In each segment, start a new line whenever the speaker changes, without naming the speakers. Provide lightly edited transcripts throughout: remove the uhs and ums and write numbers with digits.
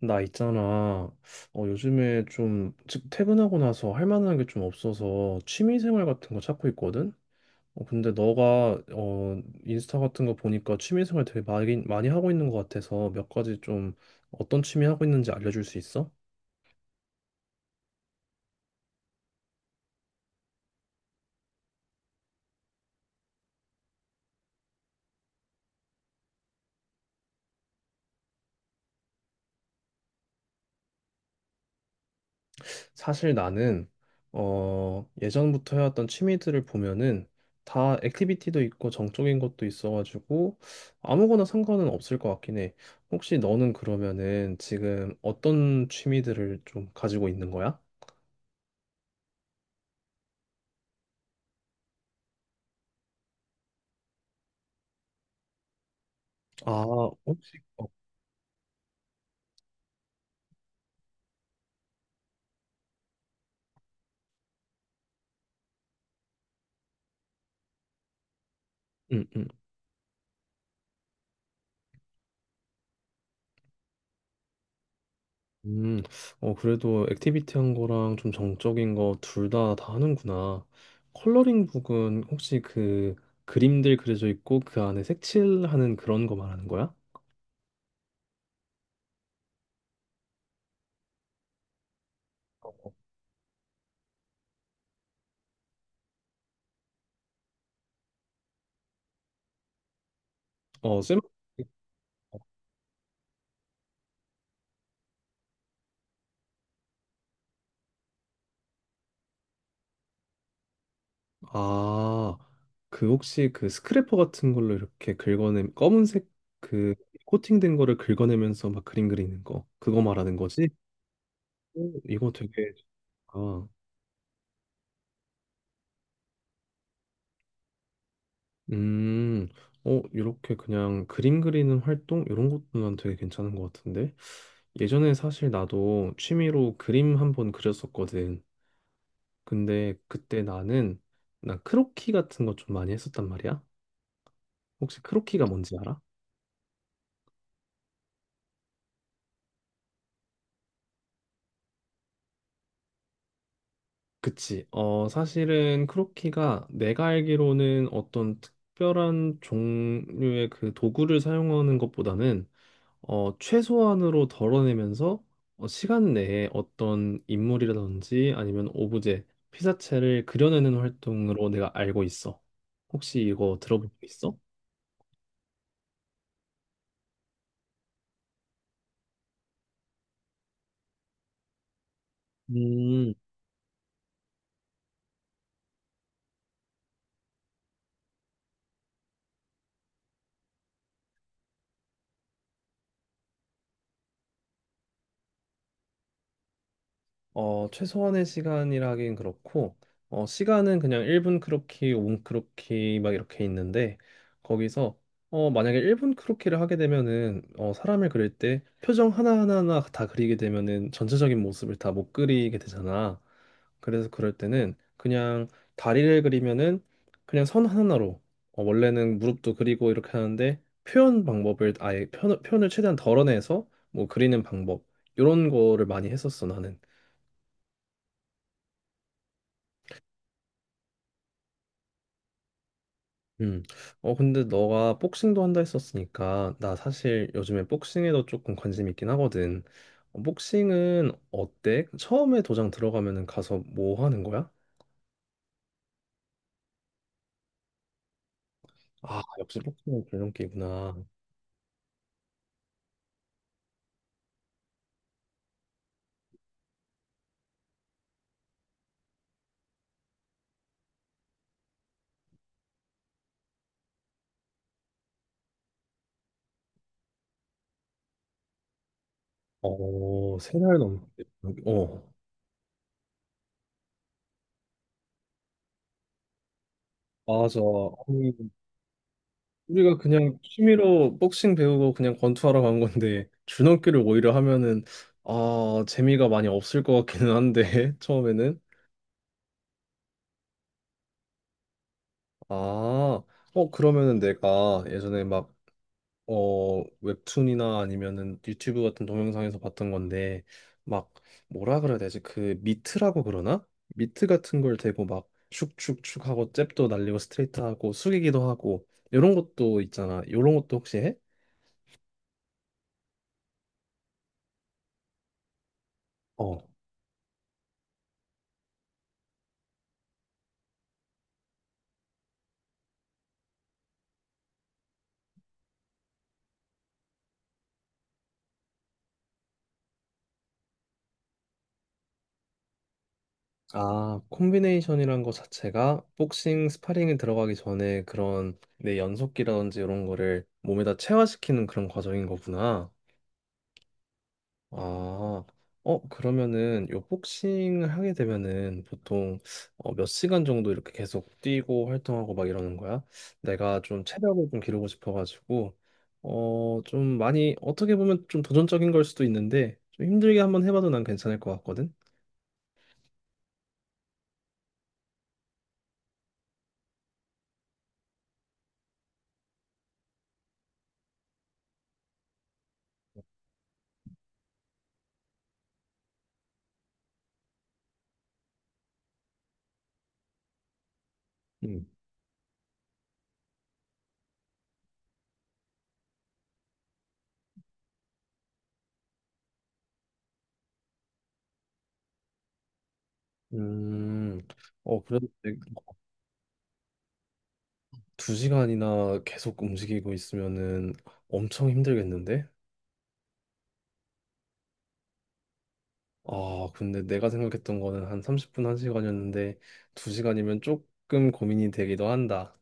나 있잖아. 요즘에 좀, 퇴근하고 나서 할 만한 게 좀 없어서 취미생활 같은 거 찾고 있거든? 근데 너가, 인스타 같은 거 보니까 취미생활 되게 많이, 많이 하고 있는 것 같아서 몇 가지 좀 어떤 취미 하고 있는지 알려줄 수 있어? 사실 나는 예전부터 해왔던 취미들을 보면은 다 액티비티도 있고 정적인 것도 있어가지고 아무거나 상관은 없을 것 같긴 해. 혹시 너는 그러면은 지금 어떤 취미들을 좀 가지고 있는 거야? 아, 혹시 어, 음, 음, 음. 어, 그래도 액티비티한 거랑 좀 정적인 거 둘 다 하는구나. 컬러링 북은 혹시 그 그림들 그려져 있고 그 안에 색칠하는 그런 거 말하는 거야? 어, 쌤. 아, 그 혹시 그 스크래퍼 같은 걸로 이렇게 긁어내 검은색 그 코팅된 거를 긁어내면서 막 그림 그리는 거 그거 말하는 거지? 오, 이거 되게 좋다. 음, 어, 이렇게 그냥 그림 그리는 활동 이런 것도 난 되게 괜찮은 것 같은데 예전에 사실 나도 취미로 그림 한 번 그렸었거든. 근데 그때 나는 난 크로키 같은 거 좀 많이 했었단 말이야. 혹시 크로키가 뭔지 알아? 그치. 사실은 크로키가 내가 알기로는 어떤 특별한 종류의 그 도구를 사용하는 것보다는 최소한으로 덜어내면서 시간 내에 어떤 인물이라든지 아니면 오브제, 피사체를 그려내는 활동으로 내가 알고 있어. 혹시 이거 들어볼 수 있어? 음, 최소한의 시간이라 하긴 그렇고, 시간은 그냥 1분 크로키, 5분 크로키 막 이렇게 있는데, 거기서, 만약에 1분 크로키를 하게 되면은, 사람을 그릴 때 표정 하나하나 다 그리게 되면은 전체적인 모습을 다 못 그리게 되잖아. 그래서 그럴 때는 그냥 다리를 그리면은 그냥 선 하나로, 원래는 무릎도 그리고 이렇게 하는데, 표현 방법을 아예 표현을 최대한 덜어내서 뭐 그리는 방법, 이런 거를 많이 했었어, 나는. 음. 근데 너가 복싱도 한다 했었으니까, 나 사실 요즘에 복싱에도 조금 관심 있긴 하거든. 복싱은 어때? 처음에 도장 들어가면은 가서 뭐 하는 거야? 아, 역시 복싱은 줄넘기구나. 어, 세 달 넘게. 어, 맞아. 아니, 우리가 그냥 취미로 복싱 배우고 그냥 권투하러 간 건데, 줄넘기를 오히려 하면은, 아, 재미가 많이 없을 것 같기는 한데, 처음에는. 아, 그러면은 내가 예전에 막, 웹툰이나 아니면은 유튜브 같은 동영상에서 봤던 건데, 막, 뭐라 그래야 되지? 그 미트라고 그러나? 미트 같은 걸 대고 막, 축축축 하고, 잽도 날리고, 스트레이트 하고, 숙이기도 하고, 이런 것도 있잖아. 이런 것도 혹시 해? 어. 아, 콤비네이션이란 거 자체가 복싱, 스파링에 들어가기 전에 그런 내 연속기라든지 이런 거를 몸에다 체화시키는 그런 과정인 거구나. 아, 그러면은 요 복싱을 하게 되면은 보통 몇 시간 정도 이렇게 계속 뛰고 활동하고 막 이러는 거야? 내가 좀 체력을 좀 기르고 싶어가지고 좀 많이 어떻게 보면 좀 도전적인 걸 수도 있는데 좀 힘들게 한번 해봐도 난 괜찮을 것 같거든? 음. 음, 그래도 되게 두 시간이나 계속 움직이고 있으면은 엄청 힘들겠는데? 아, 근데 내가 생각했던 거는 한 30분, 1시간이었는데 2시간이면 조금 고민이 되기도 한다.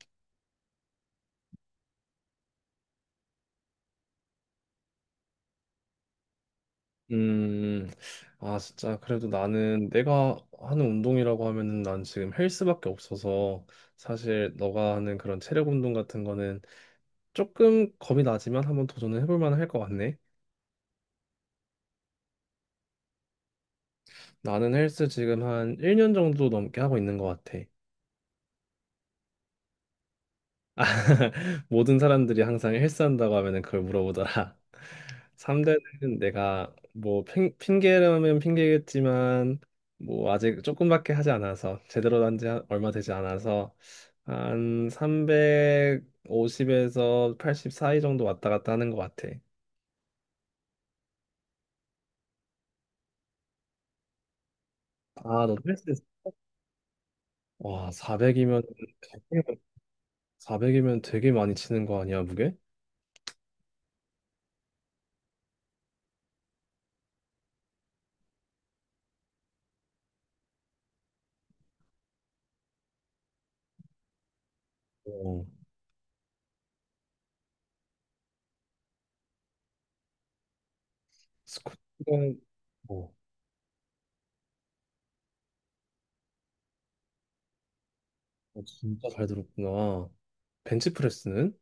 음, 아, 진짜 그래도 나는 내가 하는 운동이라고 하면은 난 지금 헬스밖에 없어서 사실 너가 하는 그런 체력 운동 같은 거는 조금 겁이 나지만 한번 도전을 해볼 만할 것 같네. 나는 헬스 지금 한 1년 정도 넘게 하고 있는 것 같아. 모든 사람들이 항상 헬스한다고 하면은 그걸 물어보더라. 3대는 내가 뭐 핑계라면 핑계겠지만 뭐 아직 조금밖에 하지 않아서 제대로 한 지 얼마 되지 않아서 한 350에서 80 사이 정도 왔다 갔다 하는 것 같아. 아, 너 헬스. 와, 400이면, 되게 많이 치는 거 아니야, 무게? 어, 스쿼트는. 어, 진짜 잘 들었구나. 벤치프레스는?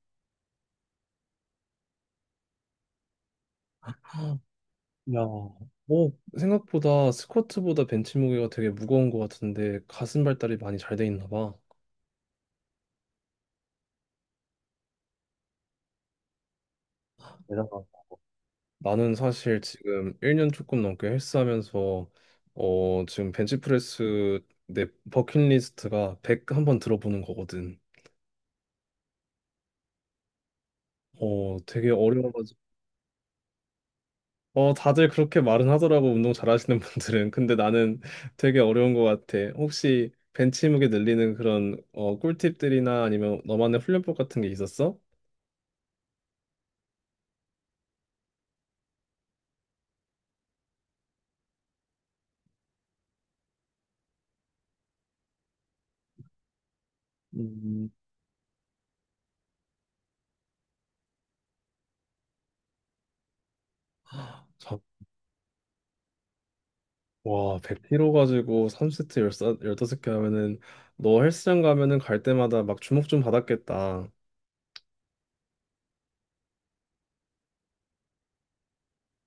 야, 오, 생각보다 스쿼트보다 벤치 무게가 되게 무거운 것 같은데 가슴 발달이 많이 잘 돼 있나 봐. 대단하다. 나는 사실 지금 1년 조금 넘게 헬스하면서 지금 벤치프레스 내 버킷리스트가 100 한번 들어보는 거거든. 되게 어려워가지고. 어, 다들 그렇게 말은 하더라고, 운동 잘하시는 분들은. 근데 나는 되게 어려운 것 같아. 혹시 벤치 무게 늘리는 그런 꿀팁들이나 아니면 너만의 훈련법 같은 게 있었어? 음, 자, 와, 100kg 가지고 3세트 15개 하면은 너 헬스장 가면은 갈 때마다 막 주목 좀 받았겠다.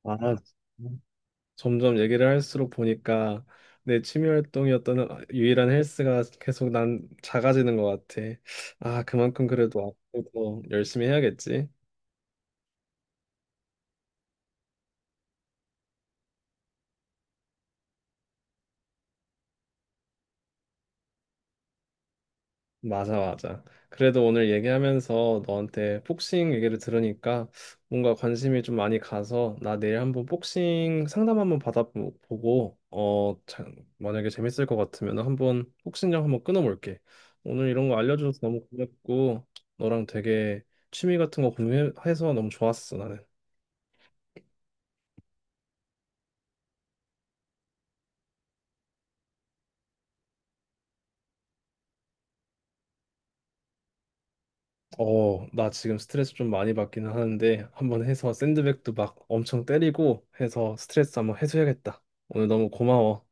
아, 점점 얘기를 할수록 보니까 내 취미 활동이었던 유일한 헬스가 계속 난 작아지는 것 같아. 아, 그만큼 그래도 앞으로 더 열심히 해야겠지. 맞아, 맞아. 그래도 오늘 얘기하면서 너한테 복싱 얘기를 들으니까 뭔가 관심이 좀 많이 가서 나 내일 한번 복싱 상담 한번 받아보고 만약에 재밌을 것 같으면 한번 복싱장 한번 끊어볼게. 오늘 이런 거 알려줘서 너무 고맙고 너랑 되게 취미 같은 거 공유해서 너무 좋았어, 나는. 나 지금 스트레스 좀 많이 받기는 하는데 한번 해서 샌드백도 막 엄청 때리고 해서 스트레스 한번 해소해야겠다. 오늘 너무 고마워.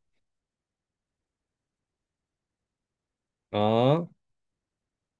아.